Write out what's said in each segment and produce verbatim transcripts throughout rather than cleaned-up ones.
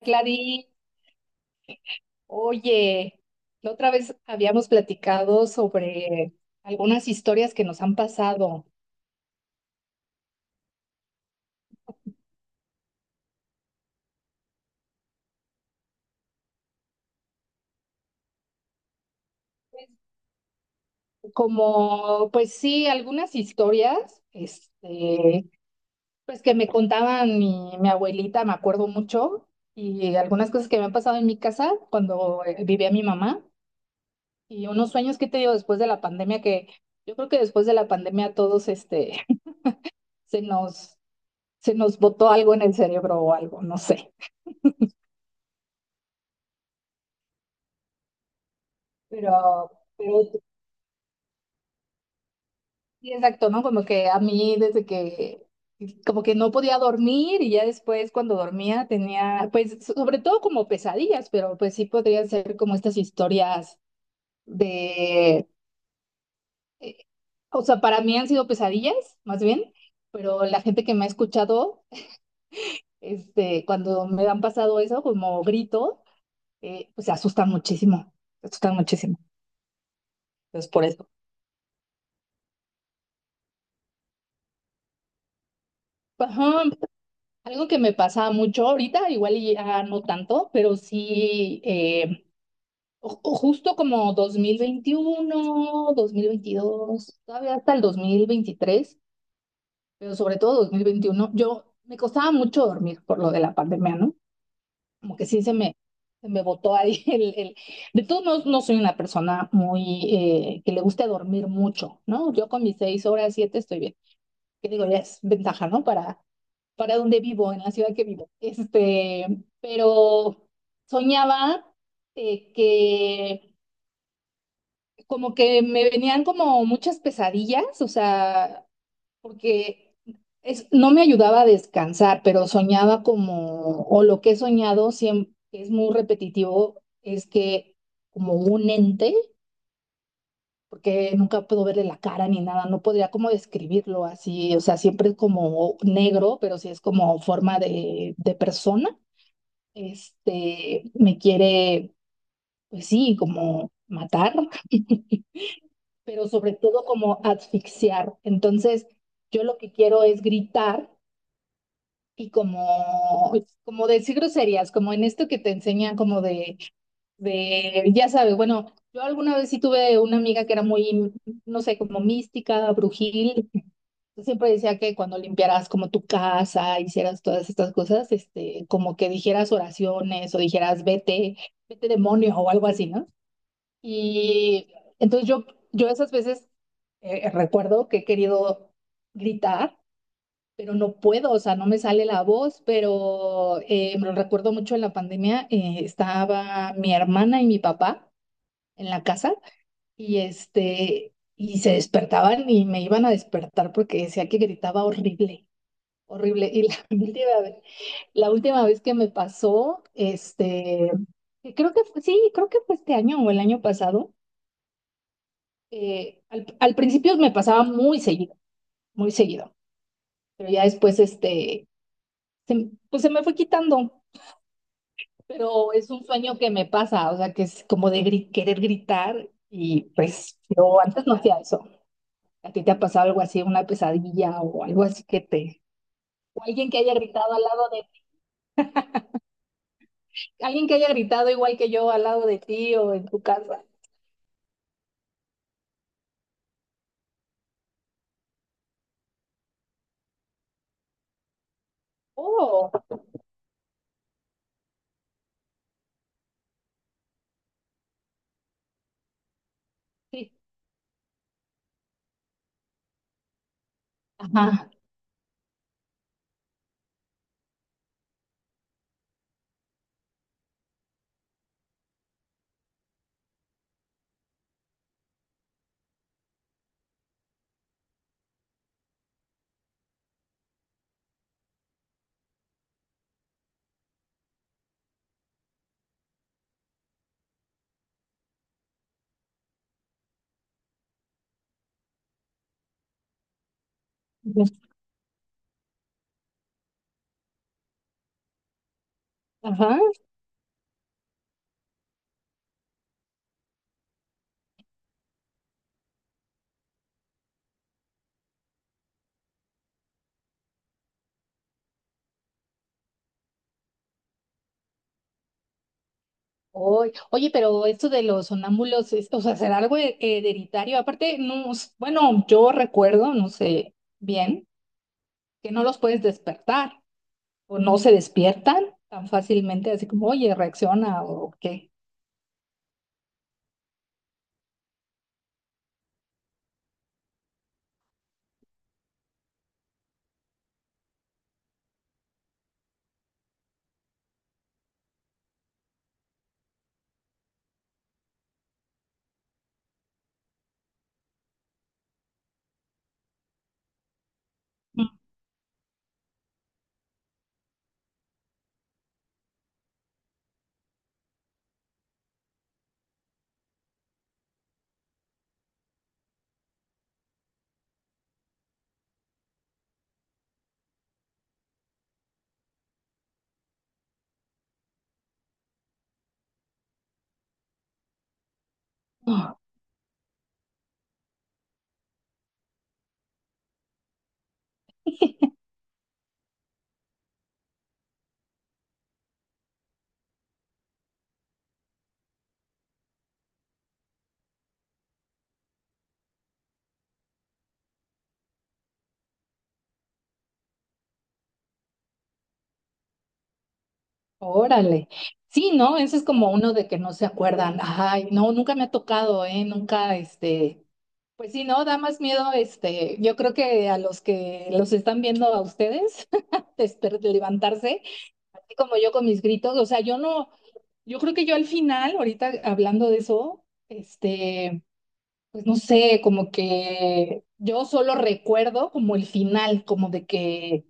Clarín, oye, la otra vez habíamos platicado sobre algunas historias que nos han pasado, como, pues sí, algunas historias, este, pues que me contaban mi, mi abuelita, me acuerdo mucho, y algunas cosas que me han pasado en mi casa cuando eh, vivía mi mamá, y unos sueños que te digo después de la pandemia, que yo creo que después de la pandemia a todos, este, se nos, se nos botó algo en el cerebro o algo, no sé. Pero, pero sí, exacto, ¿no? Como que a mí desde que, como que no podía dormir, y ya después cuando dormía tenía, pues sobre todo como pesadillas, pero pues sí podrían ser como estas historias de, eh, o sea, para mí han sido pesadillas, más bien, pero la gente que me ha escuchado, este, cuando me han pasado eso, como grito, eh, pues se asustan muchísimo, se asustan muchísimo. Entonces, por eso. Ajá, algo que me pasa mucho ahorita, igual y ya no tanto, pero sí, eh, ju- justo como dos mil veintiuno, dos mil veintidós, todavía hasta el dos mil veintitrés, pero sobre todo dos mil veintiuno yo me costaba mucho dormir por lo de la pandemia, ¿no? Como que sí se me, se me botó ahí el, el- de todos modos, no soy una persona muy, eh, que le guste dormir mucho, ¿no? Yo con mis seis horas, siete estoy bien. Que digo, ya es ventaja, ¿no? Para para donde vivo, en la ciudad que vivo. Este, pero soñaba eh, que como que me venían como muchas pesadillas, o sea, porque es, no me ayudaba a descansar, pero soñaba como, o lo que he soñado siempre es muy repetitivo, es que como un ente, porque nunca puedo verle la cara ni nada, no podría como describirlo así, o sea, siempre es como negro, pero sí es como forma de, de persona. este, me quiere, pues sí, como matar, pero sobre todo como asfixiar. Entonces, yo lo que quiero es gritar y como, como decir groserías, como en esto que te enseñan, como de, de, ya sabes, bueno, yo alguna vez sí tuve una amiga que era muy, no sé, como mística, brujil. Yo siempre decía que cuando limpiaras como tu casa, hicieras todas estas cosas, este, como que dijeras oraciones o dijeras vete, vete demonio o algo así, ¿no? Y entonces yo, yo esas veces eh, recuerdo que he querido gritar, pero no puedo, o sea, no me sale la voz, pero eh, me lo recuerdo mucho en la pandemia, eh, estaba mi hermana y mi papá en la casa, y este, y se despertaban y me iban a despertar porque decía que gritaba horrible. Horrible. Y la última vez, la última vez que me pasó, este, que creo que fue, sí, creo que fue este año o el año pasado. eh, al, al, principio me pasaba muy seguido, muy seguido, pero ya después, este, se- pues se me fue quitando, pero es un sueño que me pasa, o sea, que es como de gri- querer gritar, y pues yo antes no hacía eso. ¿A ti te ha pasado algo así, una pesadilla o algo así que te, o alguien que haya gritado al lado? Alguien que haya gritado igual que yo al lado de ti o en tu casa. Oh, sí. Ajá. Ajá. Oy- Oye, pero esto de los sonámbulos, es- o sea, será algo he- hereditario. Aparte, no, s- bueno, yo recuerdo, no sé bien, que no los puedes despertar o no se despiertan tan fácilmente, así como, oye, reacciona o qué. Mm. Ah, órale. Sí, ¿no? Ese es como uno de que no se acuerdan. Ay, no, nunca me ha tocado, ¿eh? Nunca, este, pues sí, no, da más miedo, este, yo creo que a los que los están viendo a ustedes desper- de levantarse, así como yo con mis gritos, o sea, yo no, yo creo que yo al final, ahorita hablando de eso, este, pues no sé, como que yo solo recuerdo como el final, como de que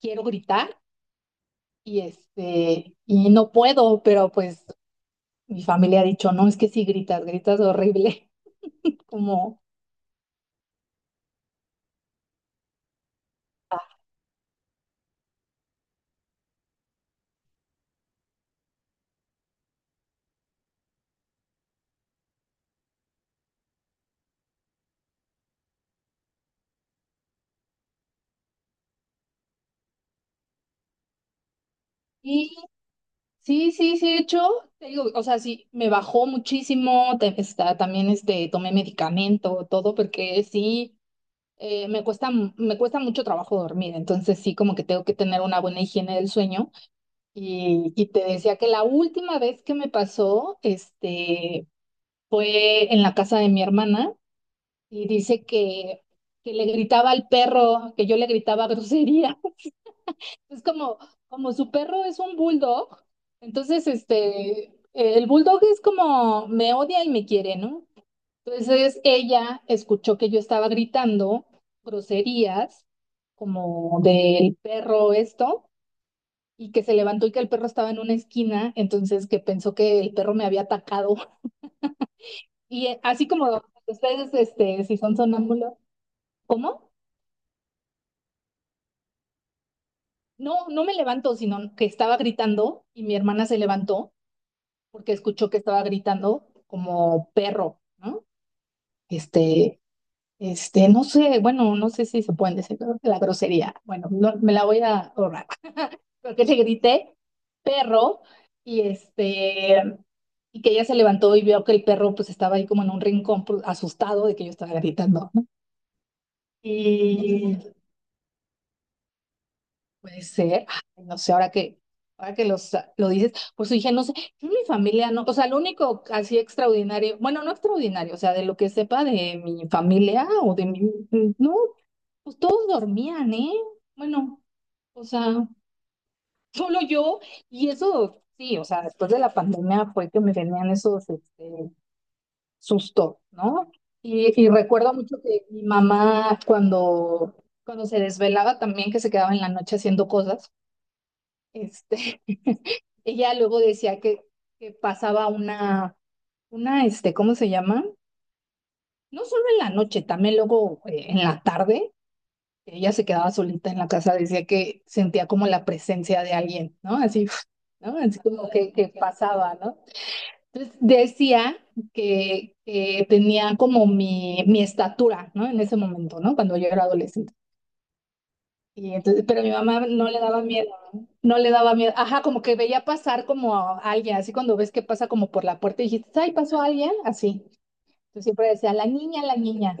quiero gritar, y este, y no puedo, pero pues mi familia ha dicho, no, es que si gritas, gritas horrible, como... Sí, sí, sí, de hecho, te digo, o sea, sí, me bajó muchísimo, te- está, también este, tomé medicamento, todo, porque sí, eh, me cuesta, m- me cuesta mucho trabajo dormir, entonces sí, como que tengo que tener una buena higiene del sueño. Y, y te decía que la última vez que me pasó, este, fue en la casa de mi hermana, y dice que, que le gritaba al perro, que yo le gritaba grosería. Es como, como su perro es un bulldog, entonces este, el bulldog es como me odia y me quiere, ¿no? Entonces ella escuchó que yo estaba gritando groserías como del perro esto, y que se levantó y que el perro estaba en una esquina, entonces que pensó que el perro me había atacado. Y eh, así como ustedes, este, si son sonámbulos. ¿Cómo? No, no me levanto, sino que estaba gritando y mi hermana se levantó porque escuchó que estaba gritando como perro, ¿no? Este, este, no sé, bueno, no sé si se pueden decir, creo que la grosería. Bueno, no- me la voy a ahorrar. Porque que le grité perro, y este, y que ella se levantó y vio que el perro pues estaba ahí como en un rincón pues, asustado de que yo estaba gritando, ¿no? Y puede ser, ay, no sé, ahora que, ahora que los, lo dices, pues dije, no sé, yo en mi familia no, o sea, lo único así extraordinario, bueno, no extraordinario, o sea, de lo que sepa de mi familia o de mi, no, pues todos dormían, ¿eh? Bueno, o sea, solo yo, y eso, sí, o sea, después de la pandemia fue que me venían esos, este, sustos, ¿no? Y, y recuerdo mucho que mi mamá cuando, cuando se desvelaba también, que se quedaba en la noche haciendo cosas, este... ella luego decía que, que pasaba una, una, este, ¿cómo se llama? No solo en la noche, también luego eh, en la tarde, ella se quedaba solita en la casa, decía que sentía como la presencia de alguien, ¿no? Así, ¿no? Así como que, que pasaba, ¿no? Entonces decía que, que tenía como mi, mi estatura, ¿no? En ese momento, ¿no? Cuando yo era adolescente. Y entonces, pero mi mamá no le daba miedo, ¿no? No le daba miedo. Ajá, como que veía pasar como a alguien, así cuando ves que pasa como por la puerta y dijiste, ay, pasó alguien, así. Yo siempre decía, la niña, la niña.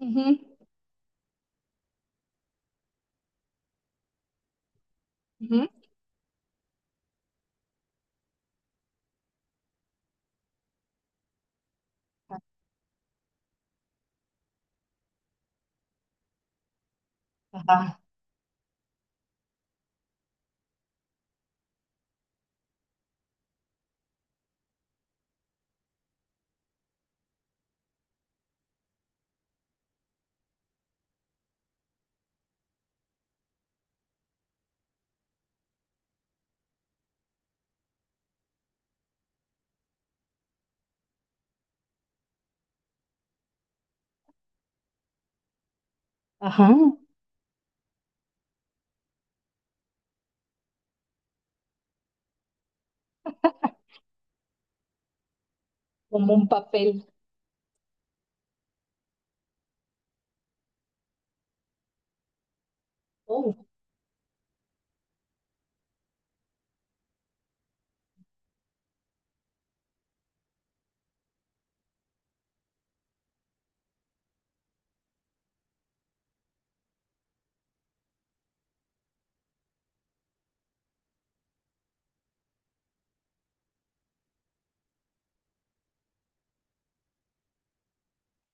Ujú, ujú. Ajá, ajá, como un papel. Oh.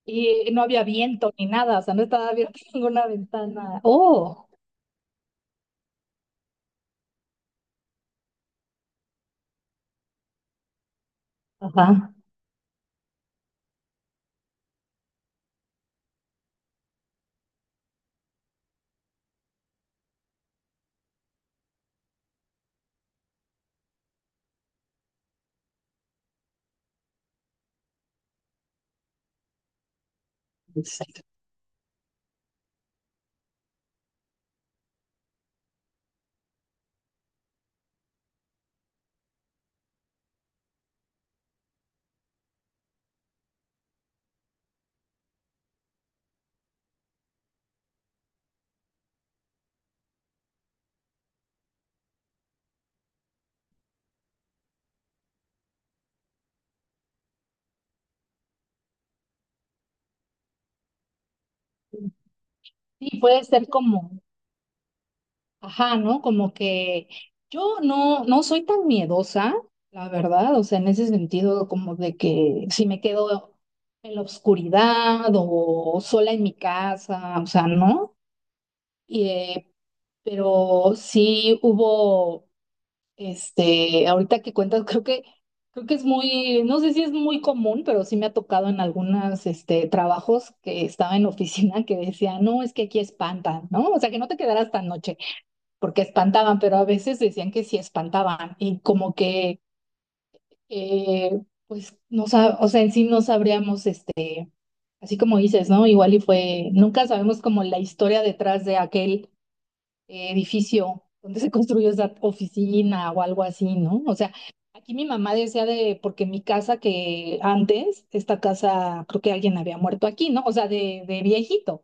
Y no había viento ni nada, o sea, no estaba abierta ninguna ventana. Oh, ajá. Exacto. Sí, puede ser como, ajá, ¿no? Como que yo no, no soy tan miedosa, la verdad, o sea, en ese sentido, como de que si me quedo en la oscuridad o sola en mi casa, o sea, ¿no? Y, eh, pero sí hubo, este, ahorita que cuentas, creo que, creo que es muy, no sé si es muy común, pero sí me ha tocado en algunos, este, trabajos que estaba en oficina que decía, no, es que aquí espantan, ¿no? O sea, que no te quedarás tan noche porque espantaban, pero a veces decían que sí espantaban y como que, eh, pues, no sa- o sea, en sí no sabríamos, este, así como dices, ¿no? Igual y fue, nunca sabemos como la historia detrás de aquel eh, edificio donde se construyó esa oficina o algo así, ¿no? O sea, aquí mi mamá decía de, porque mi casa que antes, esta casa, creo que alguien había muerto aquí, ¿no? O sea, de, de viejito.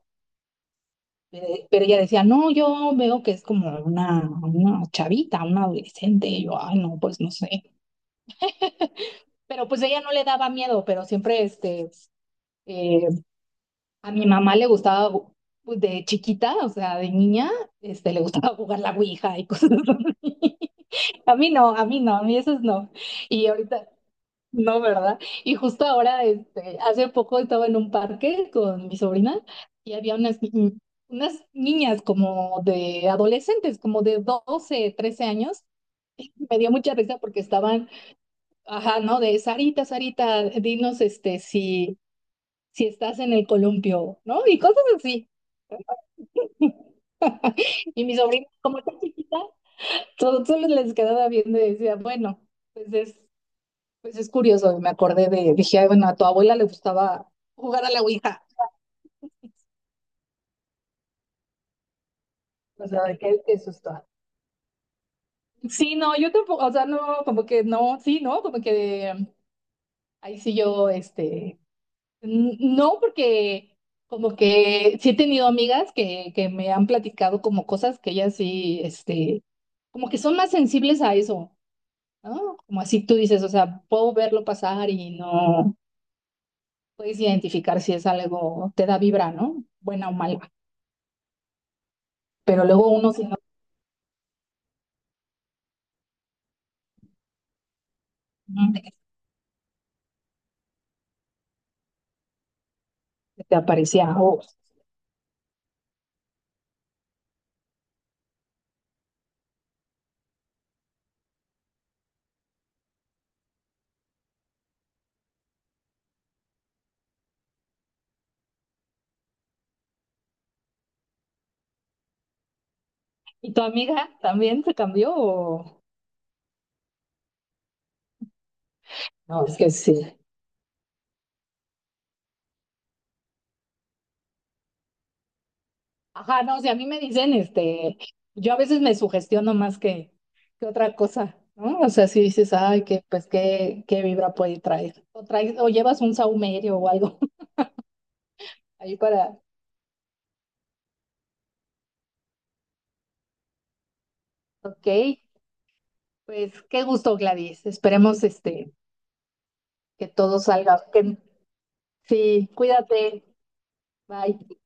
Eh, Pero ella decía, no, yo veo que es como una, una chavita, una adolescente. Y yo, ay, no, pues no sé. Pero pues ella no le daba miedo, pero siempre este, eh, a mi mamá le gustaba, pues, de chiquita, o sea, de niña, este, le gustaba jugar la ouija y cosas así. A mí no, a mí no, a mí esos no. Y ahorita, no, ¿verdad? Y justo ahora, este, hace poco estaba en un parque con mi sobrina, y había unas, ni- unas niñas como de adolescentes, como de doce trece años. Me dio mucha risa porque estaban, ajá, ¿no? De Sarita, Sarita, dinos este, si, si estás en el columpio, ¿no? Y cosas así. Y mi sobrina, como está chiquita, solo, solo les quedaba viendo y decía, bueno, pues es. Pues es curioso, me acordé de, dije, "Ay, bueno, a tu abuela le gustaba jugar a la ouija." O sea, de qué, qué susto. Sí, no, yo tampoco, o sea, no, como que no, sí, no, como que mm, ahí sí yo, este, n- no, porque como que sí he tenido amigas que, que me han platicado como cosas que ellas sí, este, como que son más sensibles a eso, ¿no? Como así tú dices, o sea, puedo verlo pasar y no puedes identificar si es algo, te da vibra, ¿no? Buena o mala. Pero luego uno se da cuenta que te aparecía a vos. ¿Y tu amiga también se cambió? O no, es que sí. Ajá, no, si a mí me dicen, este, yo a veces me sugestiono más que, que otra cosa, ¿no? O sea, si dices, ay, que, pues, qué, qué vibra puede traer. O, traes, o llevas un saumerio o algo ahí para, ok, pues, qué gusto, Gladys. Esperemos, este, que todo salga. Que, sí, cuídate. Bye.